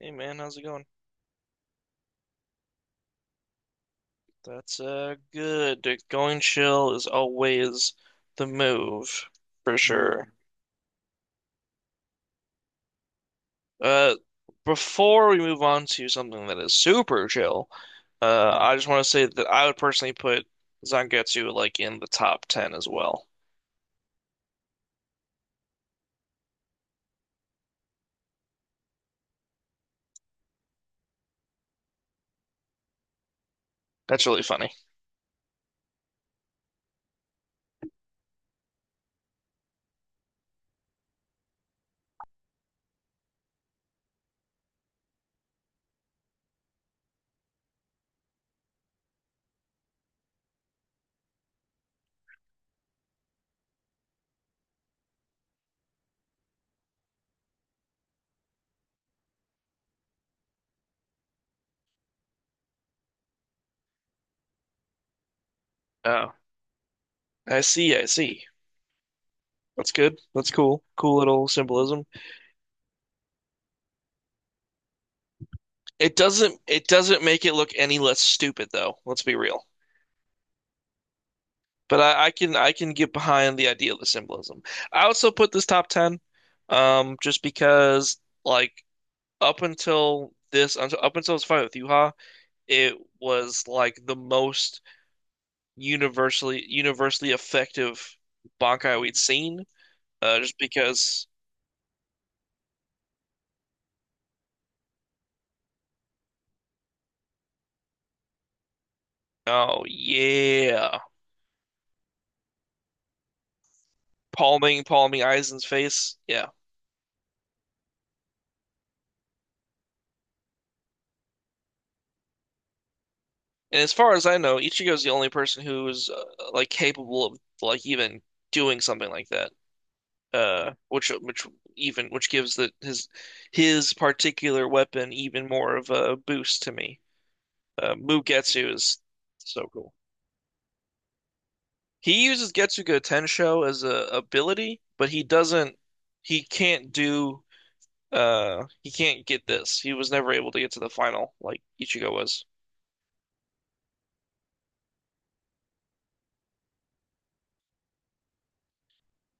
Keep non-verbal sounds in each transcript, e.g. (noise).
Hey man, how's it going? That's good. Going chill is always the move for sure. Uh before we move on to something that is super chill, Mm. I just want to say that I would personally put Zangetsu like in the top 10 as well. That's really funny. Oh, I see, I see. That's good. That's cool. Cool little symbolism. It doesn't make it look any less stupid though. Let's be real. But I can get behind the idea of the symbolism. I also put this top 10, just because like up until this fight with Yuha, it was like the most universally effective Bankai we'd seen. Just because. Oh yeah, palming Aizen's face, yeah. And as far as I know, Ichigo's the only person who's like capable of like even doing something like that. Which even which gives the his particular weapon even more of a boost to me. Mugetsu is so cool. He uses Getsuga Tensho as a ability, but he can't do he can't get this. He was never able to get to the final like Ichigo was.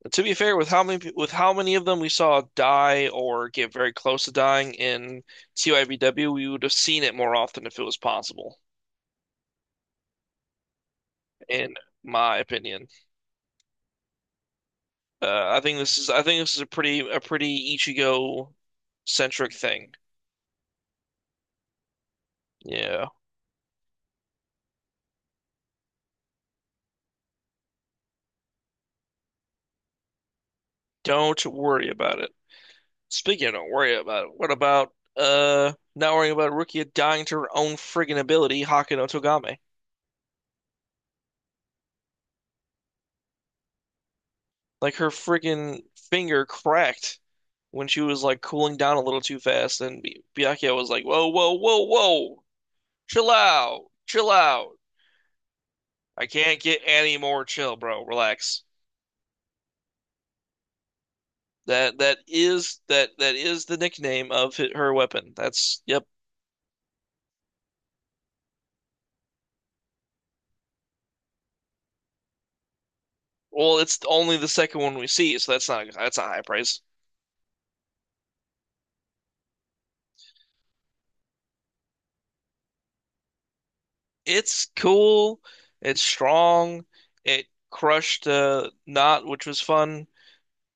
But, to be fair, with how many of them we saw die or get very close to dying in TYBW, we would have seen it more often if it was possible, in my opinion. I think this is a pretty Ichigo centric thing. Yeah. Don't worry about it. Speaking of don't worry about it, what about not worrying about Rukia dying to her own friggin' ability, Haka no Togame? Like her friggin' finger cracked when she was like cooling down a little too fast, and B Byakuya was like, "Whoa, whoa, whoa, whoa, chill out, chill out. I can't get any more chill, bro. Relax." That is the nickname of her weapon. That's, yep. Well, it's only the second one we see, so that's not high price. It's cool. It's strong. It crushed Knot, which was fun.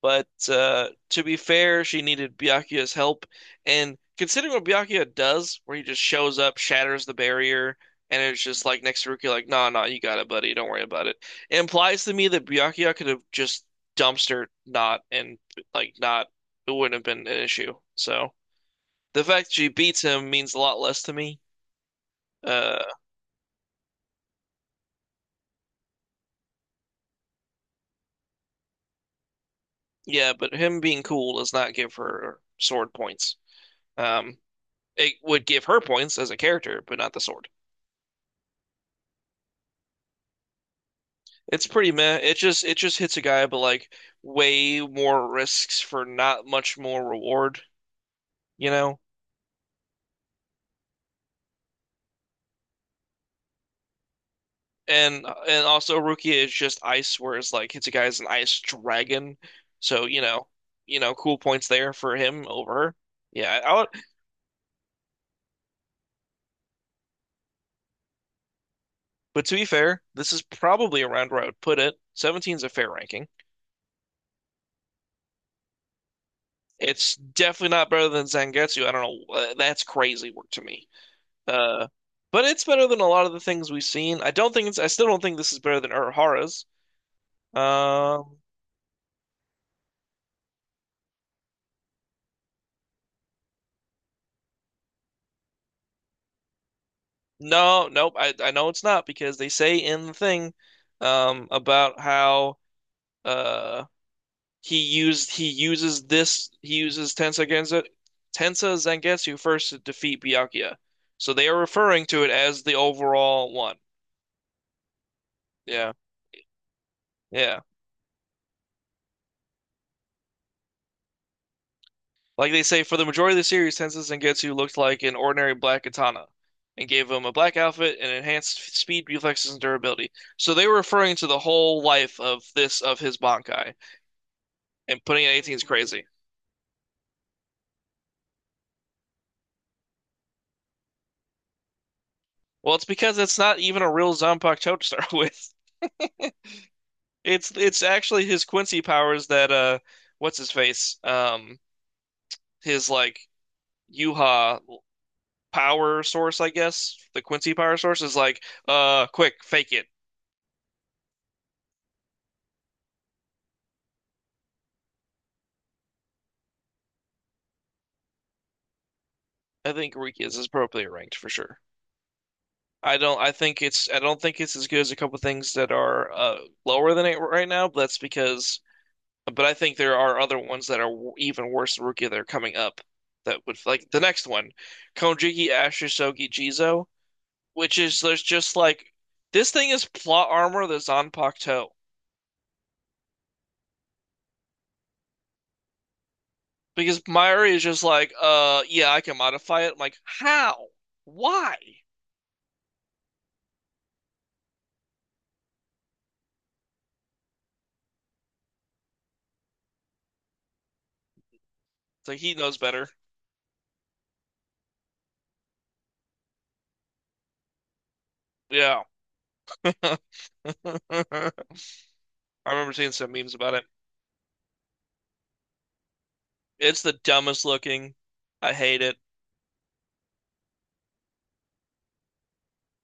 But to be fair, she needed Byakuya's help. And considering what Byakuya does, where he just shows up, shatters the barrier, and it's just like next to Rukia, like, nah, nah, you got it, buddy. Don't worry about it. It implies to me that Byakuya could have just dumpster not and like not, it wouldn't have been an issue. So the fact she beats him means a lot less to me. Uh, yeah, but him being cool does not give her sword points. Um, it would give her points as a character, but not the sword. It's pretty meh. It just hits a guy, but like way more risks for not much more reward, you know? And also Rukia is just ice, whereas like hits a guy is an ice dragon. So, cool points there for him over her. Yeah, I would, but to be fair, this is probably around where I would put it. 17 is a fair ranking. It's definitely not better than Zangetsu. I don't know. That's crazy work to me. Uh, but it's better than a lot of the things we've seen. I still don't think this is better than Urahara's. Um, no, nope. I know it's not because they say in the thing, about how, uh, he uses Tensa Zangetsu first to defeat Byakuya. So they are referring to it as the overall one. Yeah. Yeah. Like they say, for the majority of the series, Tensei Zangetsu looked like an ordinary black katana and gave him a black outfit and enhanced speed, reflexes, and durability. So they were referring to the whole life of his Bankai and putting it 18 is crazy. Well, it's because it's not even a real Zanpakuto (laughs) to start with. It's actually his Quincy powers that what's his face? His like Yuha power source, I guess. The Quincy power source is like, quick, fake it. I think Riki is appropriately ranked for sure. I don't. I think it's. I don't think it's as good as a couple things that are lower than it right now. But that's because. But I think there are other ones that are even worse than Rookie that are coming up. That would like the next one, Konjiki Ashisogi Jizo, which is there's just like this thing is plot armor that's on Pakuto because Mairi is just like, yeah, I can modify it. I'm like, how? Why? So he knows better. Yeah, (laughs) I remember seeing some memes about it. It's the dumbest looking. I hate it.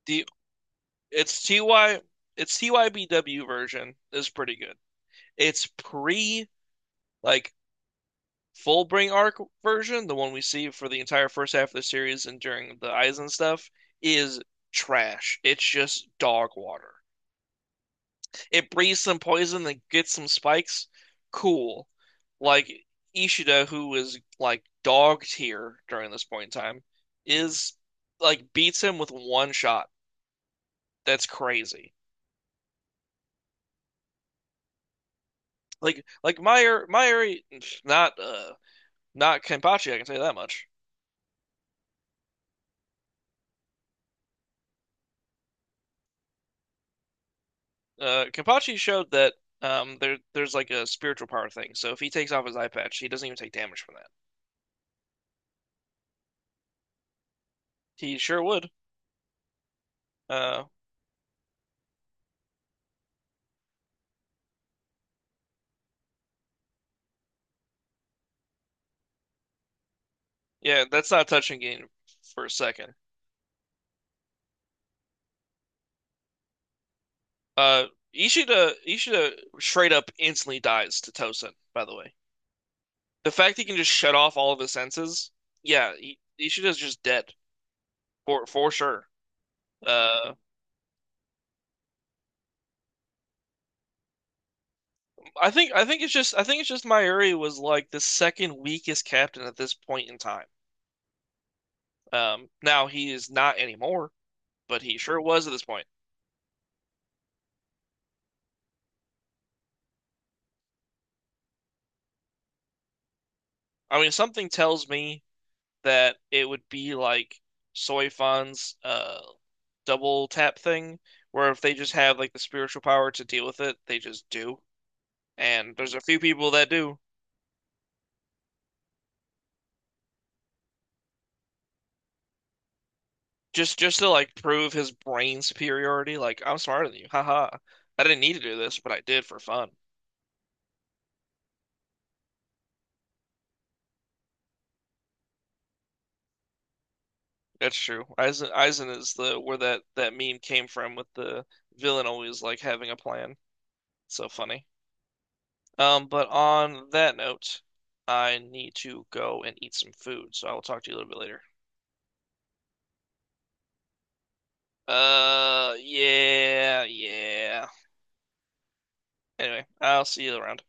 The it's TY it's TYBW version is pretty good. It's pre like Fullbring arc version, the one we see for the entire first half of the series and during the Eisen stuff, is trash. It's just dog water. It breathes some poison and gets some spikes. Cool. Like Ishida, who is like dog tier during this point in time, is like beats him with one shot. That's crazy. Like Meyer, not uh not Kenpachi, I can say that much. Kenpachi showed that there's like a spiritual power thing. So if he takes off his eye patch, he doesn't even take damage from that. He sure would. Uh yeah, that's not touching game for a second. Uh Ishida straight up instantly dies to Tosin, by the way. The fact he can just shut off all of his senses, yeah, Ishida's just dead for sure. Uh I think it's just Mairi was like the second weakest captain at this point in time. Now he is not anymore, but he sure was at this point. I mean, something tells me that it would be like Soifan's double tap thing, where if they just have like the spiritual power to deal with it, they just do. And there's a few people that do. Just to like prove his brain superiority, like I'm smarter than you. Haha. I didn't need to do this, but I did for fun. That's true. Aizen is the where that meme came from with the villain always like having a plan. So funny. But on that note, I need to go and eat some food, so I will talk to you a little bit later. Yeah, yeah. Anyway, I'll see you around.